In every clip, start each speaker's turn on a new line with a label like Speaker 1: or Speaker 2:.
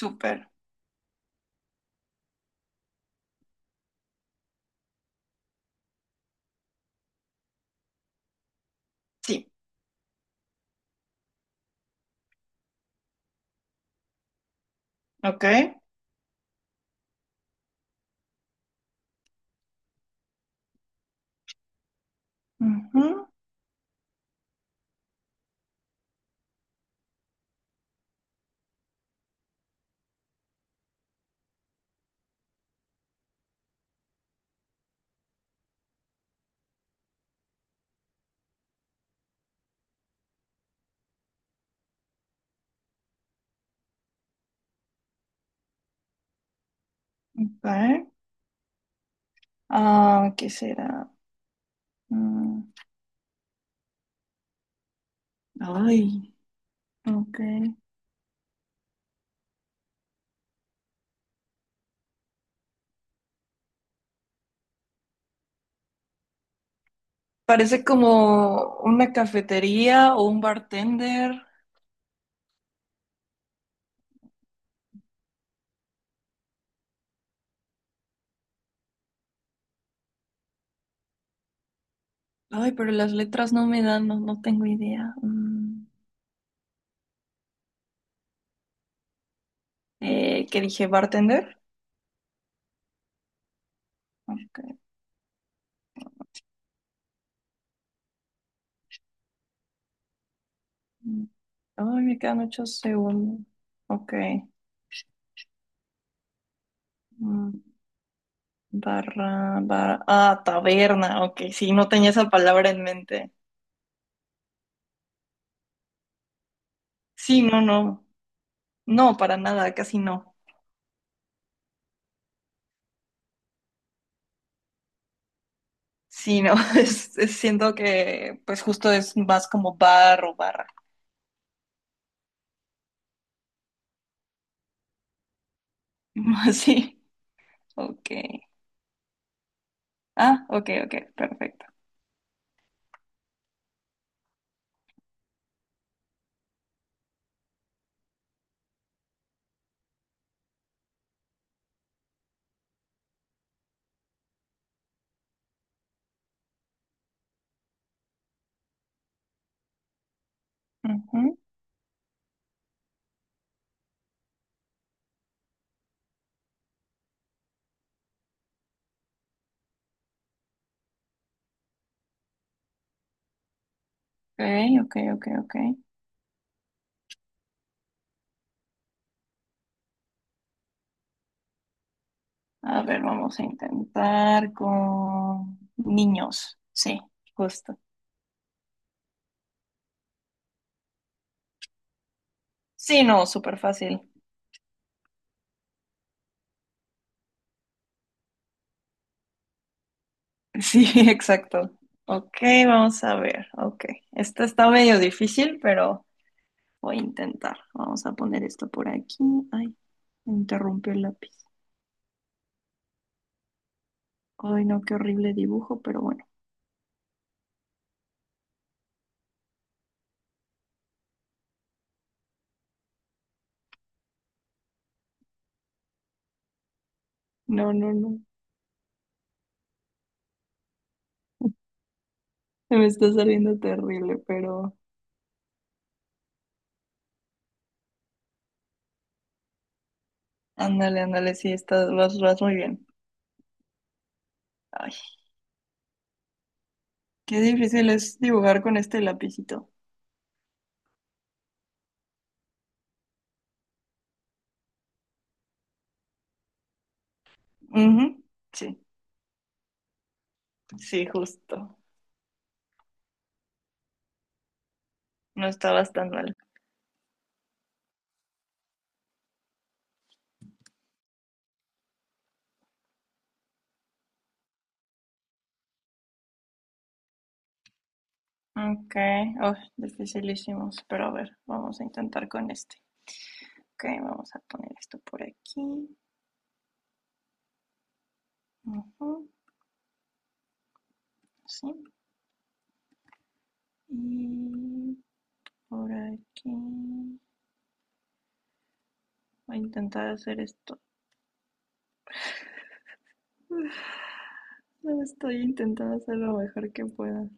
Speaker 1: Súper. Sí. Ok. Ujú, ok. Ah, ¿qué será? Mm. Ay, ok. Parece como una cafetería o un bartender. Ay, pero las letras no me dan, no, no tengo idea. ¿Qué dije? ¿Bartender? Ok. Mm, Ay, me quedan 8 segundos. Ok. Mm, Barra, barra. Ah, taberna. Ok, sí, no tenía esa palabra en mente. Sí, no, no. No, para nada, casi no. Sí, no, siento que pues justo es más como bar o barra. Sí, ok. Ah, ok, ok, perfecto. Ujú, ok, ok, ok, ok. A ver, vamos a intentar con niños. Sí, justo. Sí, no, súper fácil. Sí, exacto. Ok, vamos a ver. Ok, esta está medio difícil, pero voy a intentar. Vamos a poner esto por aquí. Ay, me interrumpió el lápiz. Ay, no, qué horrible dibujo, pero bueno. No, no, no. Me está saliendo terrible, pero ándale, ándale, sí, vas muy bien. Ay, qué difícil es dibujar con este lapicito. Ujú, sí, sí, justo. No estabas tan mal. Ok, oh, dificilísimos, pero a ver, vamos a intentar con este. Ok, vamos a poner esto por aquí. Ujú, sí. Y por aquí. Voy a intentar hacer esto. No, estoy intentando hacer lo mejor que pueda.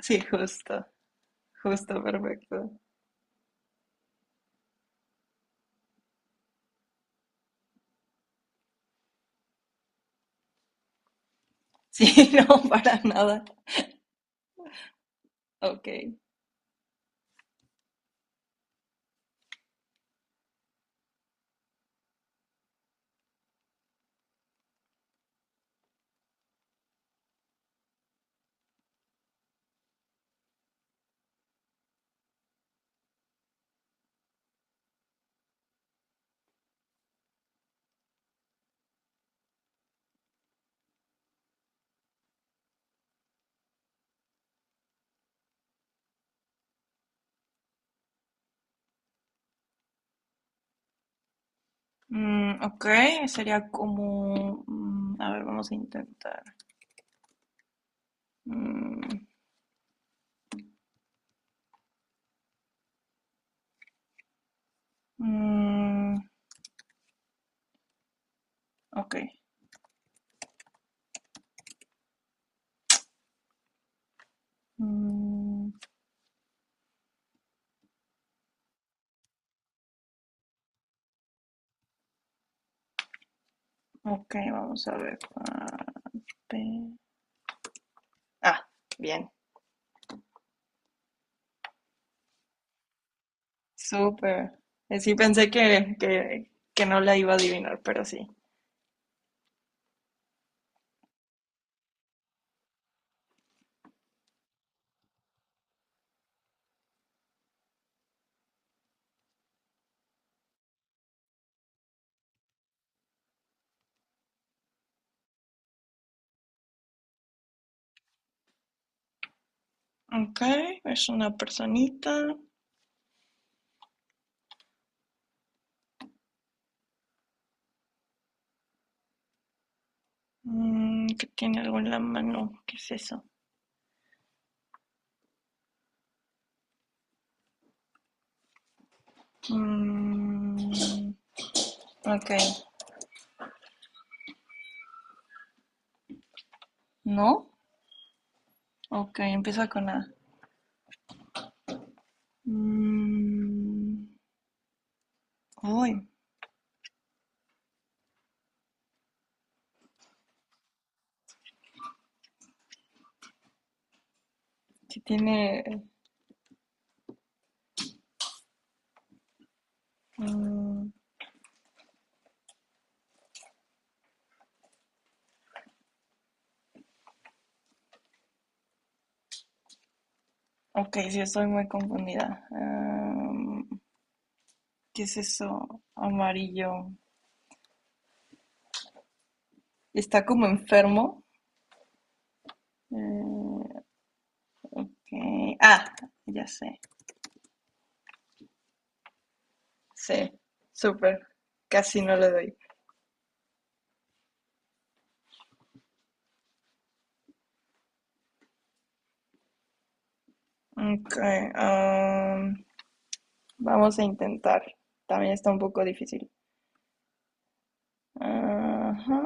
Speaker 1: Sí, justo. Justo, perfecto. Sí, no, para nada. Ok. Ok, sería como, a ver, vamos a intentar. Mm, mm. Ok. Mm, ok, vamos a ver. Ah, bien. Súper. Sí pensé que no la iba a adivinar, pero sí. Ok, es una personita que tiene algo en la mano. ¿Qué es eso? Mm, ok, ¿no? Ok, empieza con A. Mm, uy, sí tiene. Mm, ok, sí, estoy muy confundida. ¿Qué es eso? Amarillo. Está como enfermo. Eh, ok, Ah, ya sé. Sí, súper. Casi no le doy. Okay, vamos a intentar. También está un poco difícil. Ajá.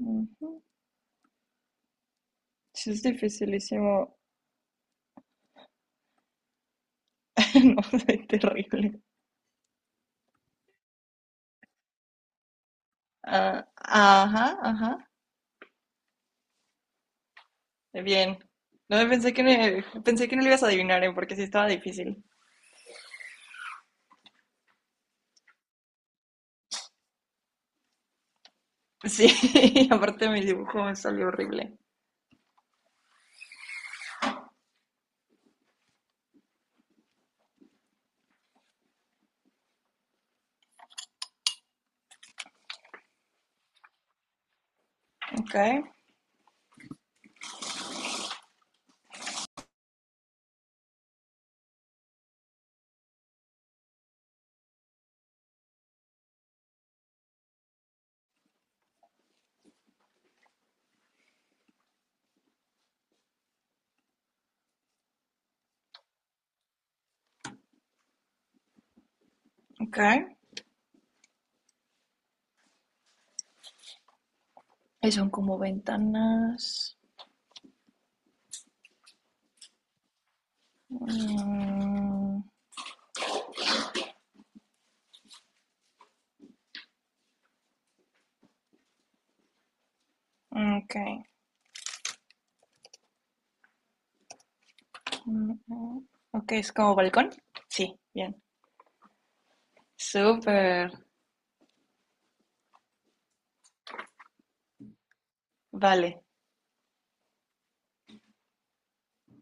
Speaker 1: Ujú. Sí, es dificilísimo. No soy terrible. Ah, ajá, ajá. Bien. No pensé que pensé que no lo ibas a adivinar, ¿eh? Porque sí estaba difícil. Sí, y aparte mi dibujo me salió horrible. Okay, okay. Y son como ventanas. Mm, okay. Mm, mm. Ok, es como balcón. Sí, bien. Súper. Vale.